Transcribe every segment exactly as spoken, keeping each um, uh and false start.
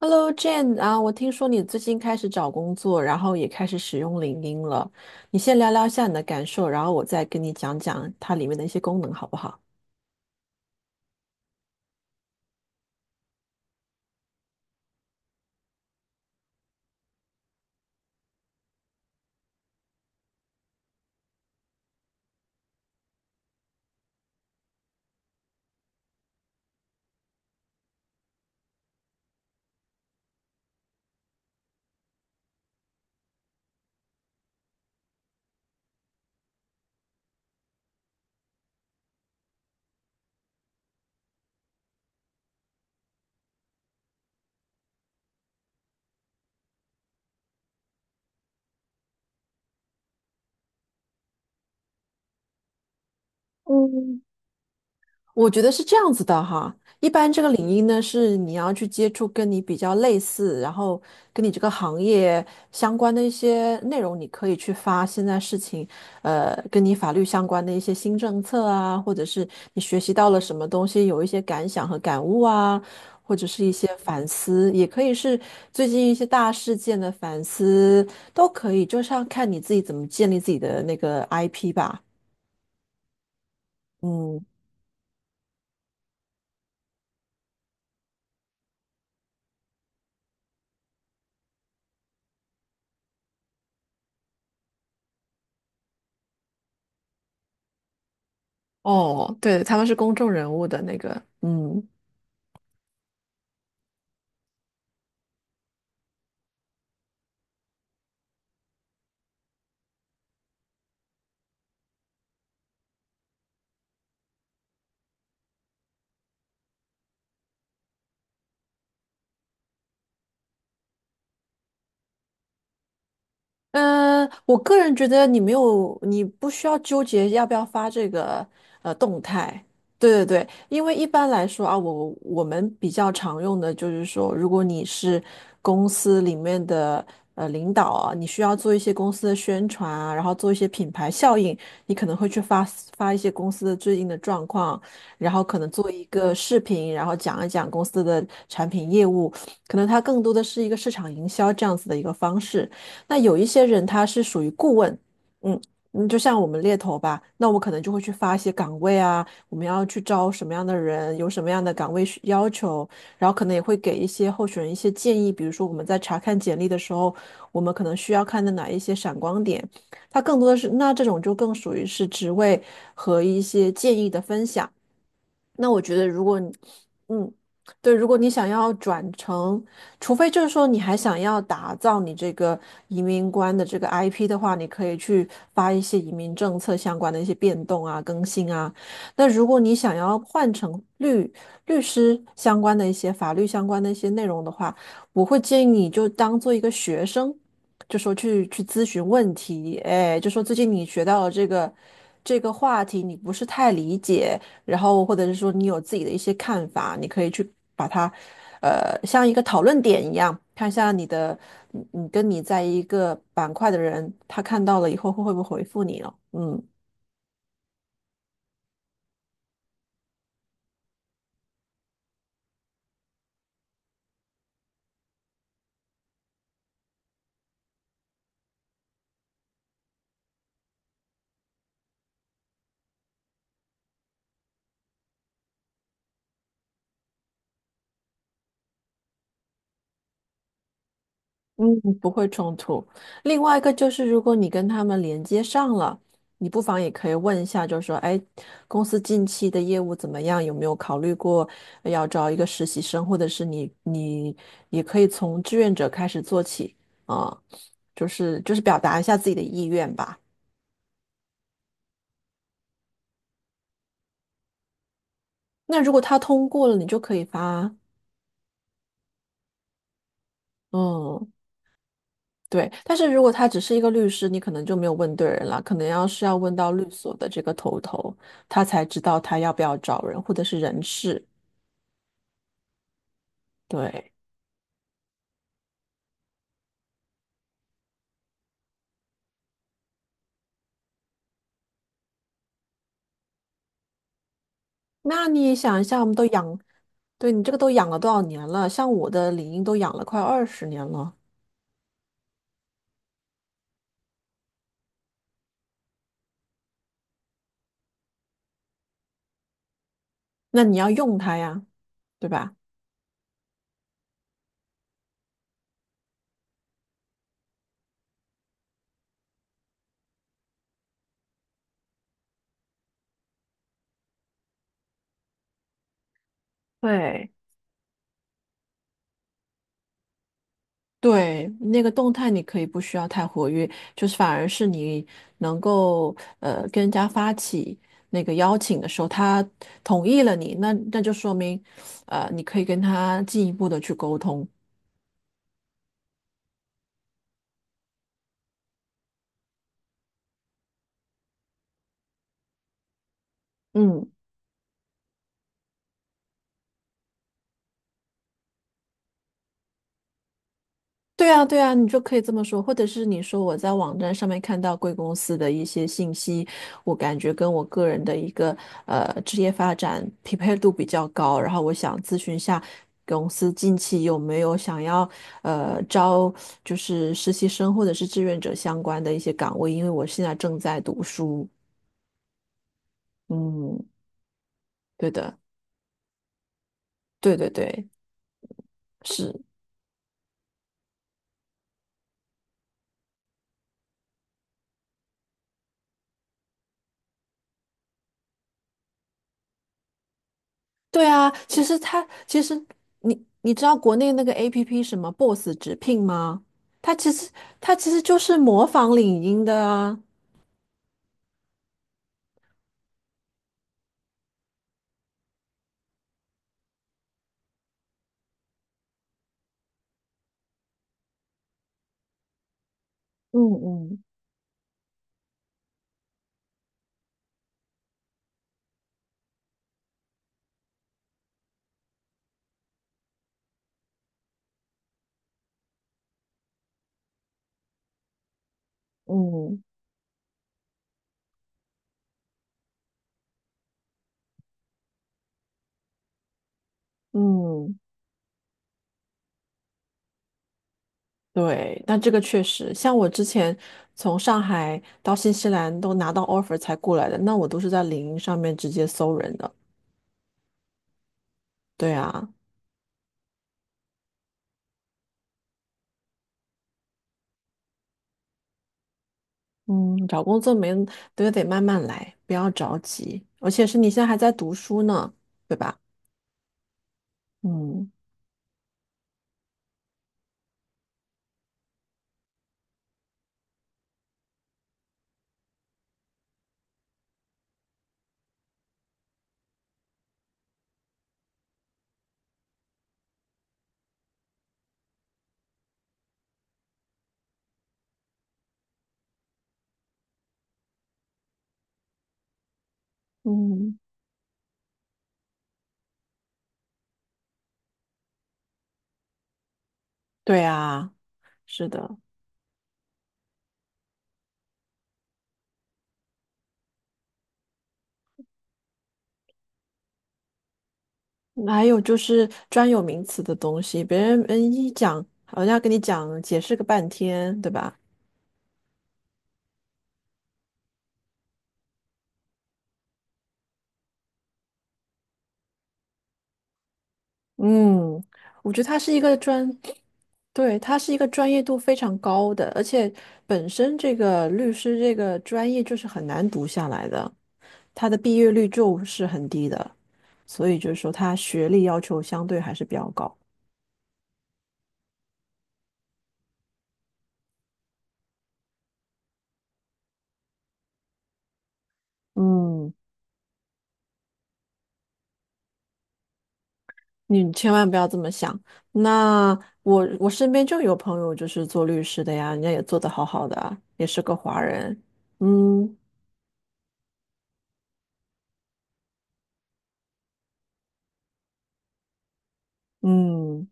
Hello Jane 啊，我听说你最近开始找工作，然后也开始使用领英了。你先聊聊一下你的感受，然后我再跟你讲讲它里面的一些功能，好不好？我觉得是这样子的哈，一般这个领域呢，是你要去接触跟你比较类似，然后跟你这个行业相关的一些内容，你可以去发现在事情，呃，跟你法律相关的一些新政策啊，或者是你学习到了什么东西，有一些感想和感悟啊，或者是一些反思，也可以是最近一些大事件的反思，都可以，就是要看你自己怎么建立自己的那个 I P 吧。嗯。哦，对，他们是公众人物的那个。嗯，嗯，我个人觉得你没有，你不需要纠结要不要发这个呃动态。对对对，因为一般来说啊，我我们比较常用的就是说，如果你是公司里面的呃领导啊，你需要做一些公司的宣传啊，然后做一些品牌效应，你可能会去发发一些公司的最近的状况，然后可能做一个视频，然后讲一讲公司的产品业务，可能它更多的是一个市场营销这样子的一个方式。那有一些人他是属于顾问，嗯，嗯，就像我们猎头吧，那我们可能就会去发一些岗位啊，我们要去招什么样的人，有什么样的岗位需要求，然后可能也会给一些候选人一些建议，比如说我们在查看简历的时候，我们可能需要看的哪一些闪光点，它更多的是，那这种就更属于是职位和一些建议的分享。那我觉得，如果你，嗯，对，如果你想要转成，除非就是说你还想要打造你这个移民官的这个 I P 的话，你可以去发一些移民政策相关的一些变动啊、更新啊。那如果你想要换成律律师相关的一些法律相关的一些内容的话，我会建议你就当做一个学生，就说去去咨询问题，哎，就说最近你学到了这个这个话题，你不是太理解。然后或者是说你有自己的一些看法，你可以去把它，呃，像一个讨论点一样，看一下你的，你你跟你在一个板块的人，他看到了以后会会不会回复你了？嗯。嗯，不会冲突。另外一个就是，如果你跟他们连接上了，你不妨也可以问一下，就是说，哎，公司近期的业务怎么样？有没有考虑过要招一个实习生，或者是你你也可以从志愿者开始做起啊，就是就是表达一下自己的意愿吧。那如果他通过了，你就可以发。嗯。对，但是如果他只是一个律师，你可能就没有问对人了，可能要是要问到律所的这个头头，他才知道他要不要找人，或者是人事。对，那你想一下，我们都养，对你这个都养了多少年了？像我的领英都养了快二十年了，那你要用它呀，对吧？对，对，那个动态你可以不需要太活跃，就是反而是你能够呃跟人家发起那个邀请的时候，他同意了你，那那就说明呃你可以跟他进一步的去沟通。嗯。对啊，对啊，你就可以这么说，或者是你说我在网站上面看到贵公司的一些信息，我感觉跟我个人的一个呃职业发展匹配度比较高，然后我想咨询一下公司近期有没有想要呃招就是实习生或者是志愿者相关的一些岗位，因为我现在正在读书。嗯，对的，对对对，是。对啊，其实它其实你你知道国内那个 app 什么 Boss 直聘吗？它其实它其实就是模仿领英的啊。嗯嗯嗯嗯，对，那这个确实，像我之前从上海到新西兰都拿到 offer 才过来的，那我都是在领英上面直接搜人的。对啊，嗯，找工作没都得慢慢来，不要着急，而且是你现在还在读书呢，对吧？嗯，嗯，对啊。是的，还有就是专有名词的东西，别人嗯一讲，好像跟你讲解释个半天，对吧？嗯，我觉得他是一个专，对，他是一个专业度非常高的，而且本身这个律师这个专业就是很难读下来的，他的毕业率就是很低的，所以就是说他学历要求相对还是比较高。嗯。你千万不要这么想。那我我身边就有朋友就是做律师的呀，人家也做得好好的啊也是个华人。嗯嗯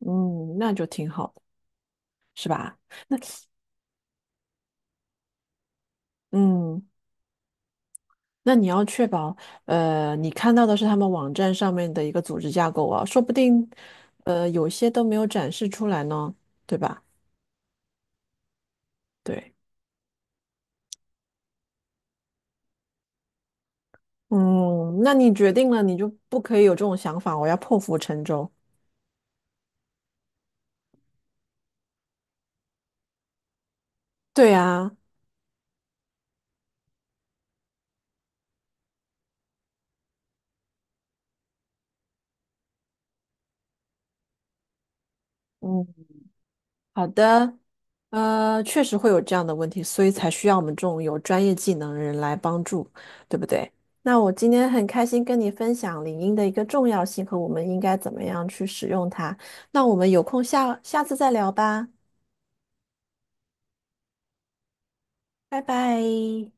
嗯，那就挺好的，是吧？那嗯，那你要确保，呃，你看到的是他们网站上面的一个组织架构啊，说不定，呃，有些都没有展示出来呢，对吧？对，嗯，那你决定了，你就不可以有这种想法，我要破釜沉舟。对啊。嗯好的，呃，确实会有这样的问题，所以才需要我们这种有专业技能的人来帮助，对不对？那我今天很开心跟你分享领英的一个重要性和我们应该怎么样去使用它。那我们有空下下次再聊吧，拜拜。